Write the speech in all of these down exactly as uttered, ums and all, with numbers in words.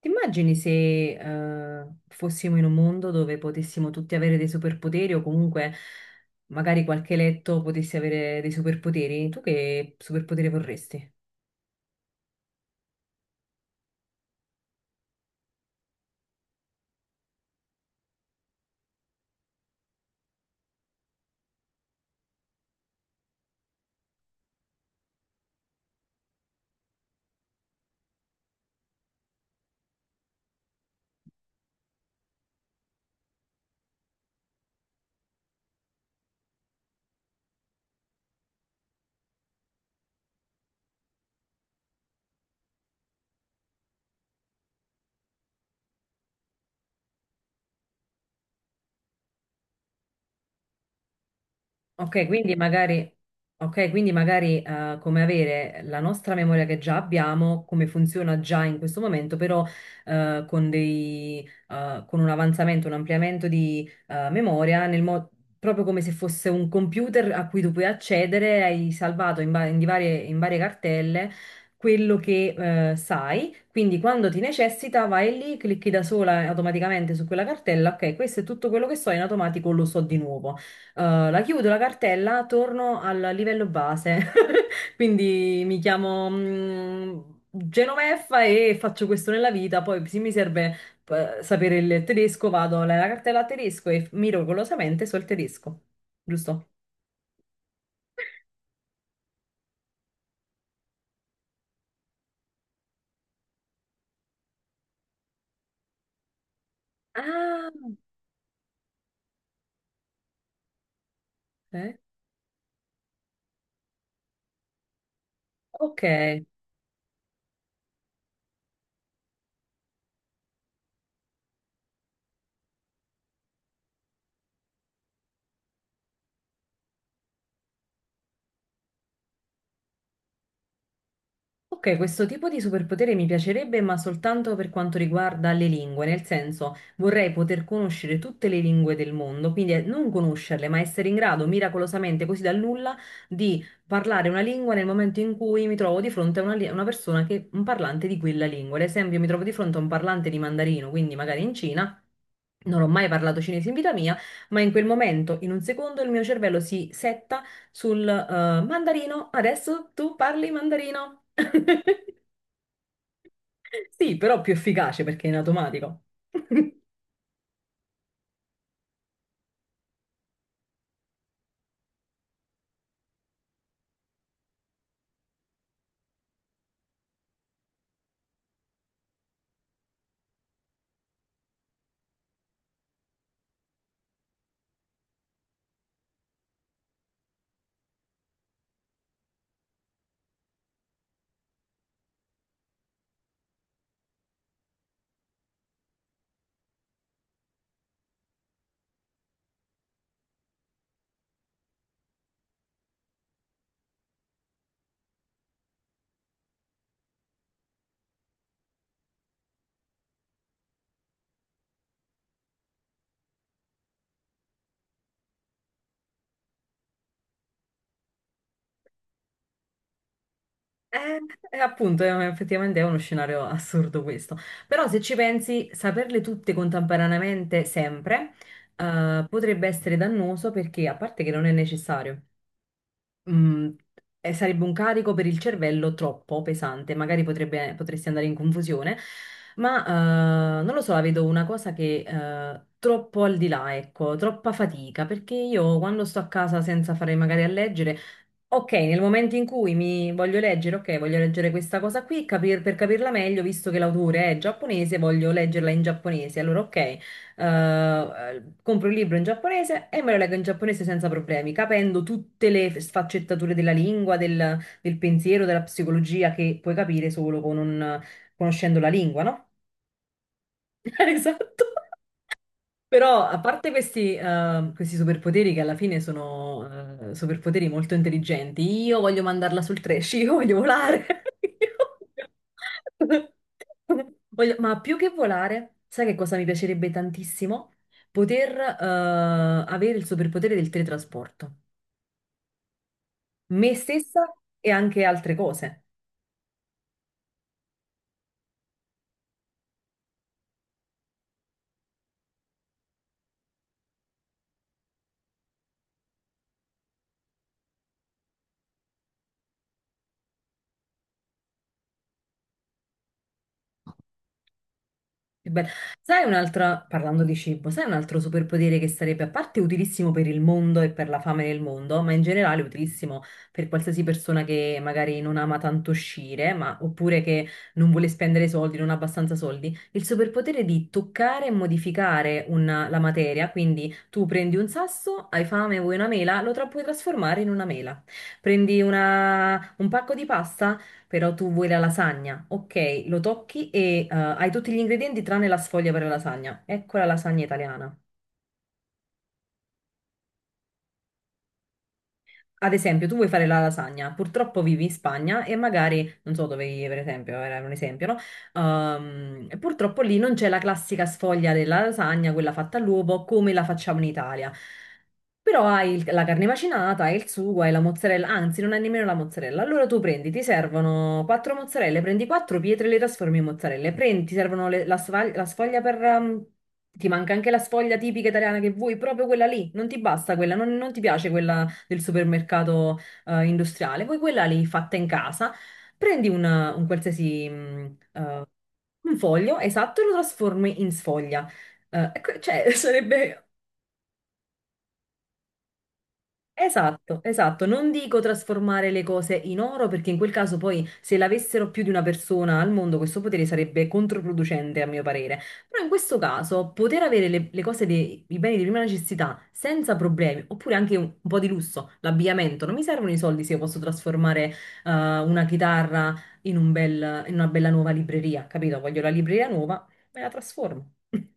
Ti immagini se eh, fossimo in un mondo dove potessimo tutti avere dei superpoteri o comunque magari qualche eletto potesse avere dei superpoteri? Tu che superpotere vorresti? Ok, quindi magari, ok, quindi magari eh, come avere la nostra memoria che già abbiamo, come funziona già in questo momento, però eh, con dei, eh, con un avanzamento, un ampliamento di eh, memoria, nel mo- proprio come se fosse un computer a cui tu puoi accedere, hai salvato in, va- in di varie, in varie cartelle quello che eh, sai, quindi quando ti necessita vai lì, clicchi da sola automaticamente su quella cartella, ok, questo è tutto quello che so, in automatico lo so di nuovo. Uh, la chiudo la cartella, torno al livello base, quindi mi chiamo mm, Genoveffa e faccio questo nella vita. Poi, se mi serve eh, sapere il tedesco, vado alla cartella a tedesco e miracolosamente so il tedesco, giusto? Ah, ok. Ok. Ok, questo tipo di superpotere mi piacerebbe, ma soltanto per quanto riguarda le lingue, nel senso vorrei poter conoscere tutte le lingue del mondo, quindi eh, non conoscerle, ma essere in grado miracolosamente, così dal nulla, di parlare una lingua nel momento in cui mi trovo di fronte a una, li- a una persona che un parlante di quella lingua. Ad esempio, mi trovo di fronte a un parlante di mandarino, quindi magari in Cina. Non ho mai parlato cinese in vita mia, ma in quel momento, in un secondo, il mio cervello si setta sul eh, mandarino. Adesso tu parli mandarino. Sì, però più efficace perché è in automatico. Eh, eh, appunto, eh, effettivamente è uno scenario assurdo questo. Però se ci pensi, saperle tutte contemporaneamente sempre, eh, potrebbe essere dannoso perché, a parte che non è necessario, Mm, eh, sarebbe un carico per il cervello troppo pesante, magari potrebbe- potresti andare in confusione, ma eh, non lo so, la vedo una cosa che eh, troppo al di là, ecco, troppa fatica, perché io quando sto a casa senza fare magari a leggere, ok, nel momento in cui mi voglio leggere, ok, voglio leggere questa cosa qui, capir- per capirla meglio, visto che l'autore è giapponese, voglio leggerla in giapponese, allora ok eh, eh, compro il libro in giapponese e me lo leggo in giapponese senza problemi, capendo tutte le sfaccettature della lingua, del, del pensiero, della psicologia che puoi capire solo con un- conoscendo la lingua, no? Esatto. Però, a parte questi, eh, questi superpoteri che alla fine sono eh, superpoteri molto intelligenti, io voglio mandarla sul trash, io voglio volare. Io voglio- voglio- ma più che volare, sai che cosa mi piacerebbe tantissimo? Poter eh, avere il superpotere del teletrasporto. Me stessa e anche altre cose. Che bello. Sai un'altra, parlando di cibo, sai un altro superpotere che sarebbe a parte utilissimo per il mondo e per la fame del mondo, ma in generale utilissimo per qualsiasi persona che magari non ama tanto uscire, ma, oppure che non vuole spendere soldi, non ha abbastanza soldi, il superpotere di toccare e modificare una- la materia, quindi tu prendi un sasso, hai fame, vuoi una mela, lo tra- puoi trasformare in una mela. Prendi una- un pacco di pasta, però tu vuoi la lasagna. Ok, lo tocchi e eh, hai tutti gli ingredienti tranne la sfoglia per la lasagna. Ecco la lasagna italiana. Ad esempio, tu vuoi fare la lasagna, purtroppo vivi in Spagna e magari, non so dove vivi per esempio, era un esempio, no? Ehm, e purtroppo lì non c'è la classica sfoglia della lasagna, quella fatta all'uovo, come la facciamo in Italia. Però hai il- la carne macinata, hai il sugo, hai la mozzarella, anzi non hai nemmeno la mozzarella. Allora tu prendi, ti servono quattro mozzarelle, prendi quattro pietre e le trasformi in mozzarelle, prendi, ti servono le- la, sfag- la sfoglia per... ehm, ti manca anche la sfoglia tipica italiana che vuoi, proprio quella lì, non ti basta quella, non non ti piace quella del supermercato eh, industriale, poi quella lì fatta in casa, prendi un, un qualsiasi mm, un foglio, esatto, e lo trasformi in sfoglia. Eh, ecco, cioè, sarebbe Esatto, esatto. Non dico trasformare le cose in oro perché in quel caso poi se l'avessero più di una persona al mondo questo potere sarebbe controproducente a mio parere. Però in questo caso poter avere le, le cose, dei, i beni di prima necessità senza problemi oppure anche un, un po' di lusso, l'abbigliamento, non mi servono i soldi se io posso trasformare eh, una chitarra in un bel- in una bella nuova libreria, capito? Voglio la libreria nuova, me la trasformo.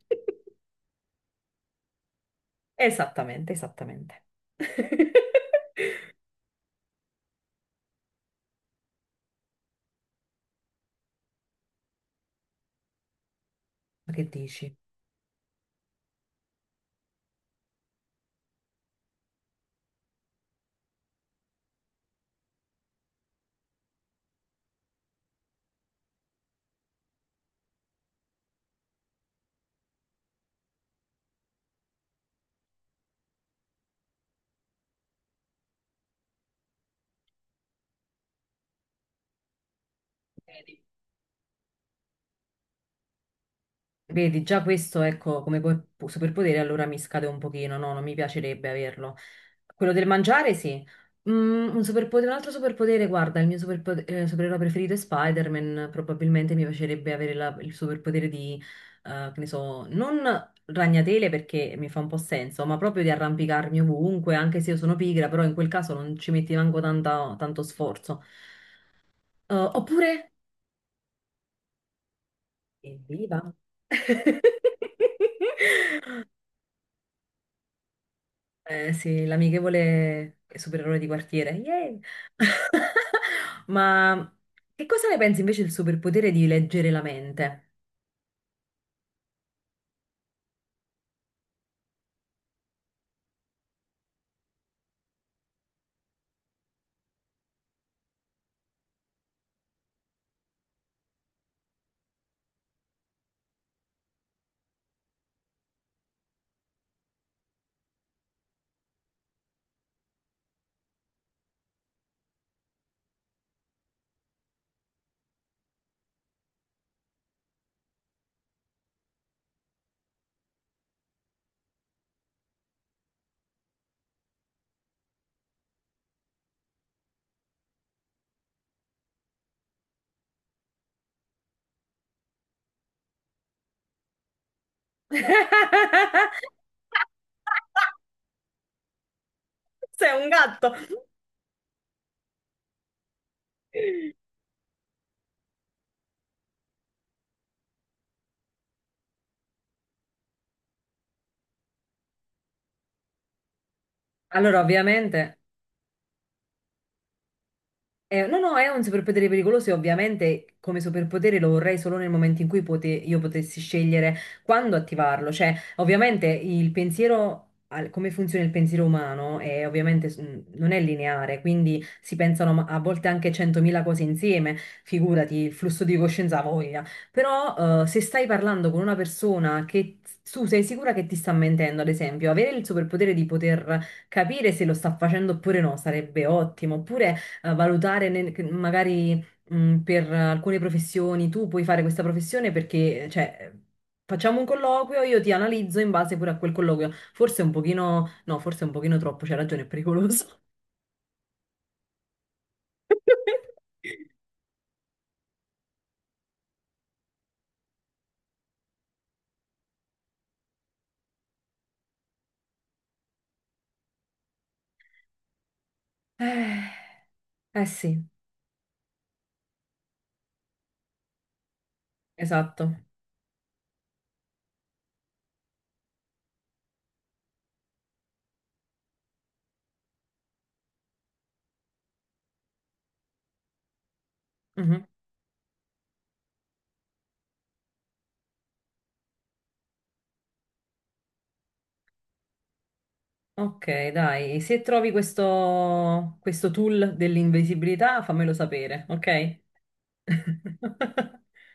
Esattamente, esattamente. Ma che dici? Vedi, già questo, ecco, come po- superpotere allora mi scade un pochino, no, non mi piacerebbe averlo. Quello del mangiare, sì. Mm, un superpotere, un altro superpotere, guarda, il mio superpo- eh, supereroe preferito è Spider-Man, probabilmente mi piacerebbe avere la- il superpotere di, eh, che ne so, non ragnatele perché mi fa un po' senso, ma proprio di arrampicarmi ovunque, anche se io sono pigra, però in quel caso non ci metti manco tanta- tanto sforzo. Eh, oppure... Evviva! Eh, sì, l'amichevole supereroe di quartiere. Yay! Ma che cosa ne pensi invece del superpotere di leggere la mente? Sei un gatto. Allora, ovviamente. Eh, no, no, è un superpotere pericoloso e ovviamente come superpotere lo vorrei solo nel momento in cui pote- io potessi scegliere quando attivarlo. Cioè, ovviamente il pensiero, al- come funziona il pensiero umano, è ovviamente s- mh, non è lineare, quindi si pensano ma- a volte anche centomila cose insieme, figurati il flusso di coscienza ha voglia. Però eh, se stai parlando con una persona che tu sei sicura che ti sta mentendo, ad esempio, avere il superpotere di poter capire se lo sta facendo oppure no sarebbe ottimo, oppure eh, valutare nel- che magari mh, per alcune professioni tu puoi fare questa professione perché, cioè, facciamo un colloquio, io ti analizzo in base pure a quel colloquio. Forse un pochino, no, forse un pochino troppo, c'è ragione, è pericoloso. Eh, eh sì, esatto. Mhm. Ok, dai, se trovi questo, questo tool dell'invisibilità, fammelo sapere, ok?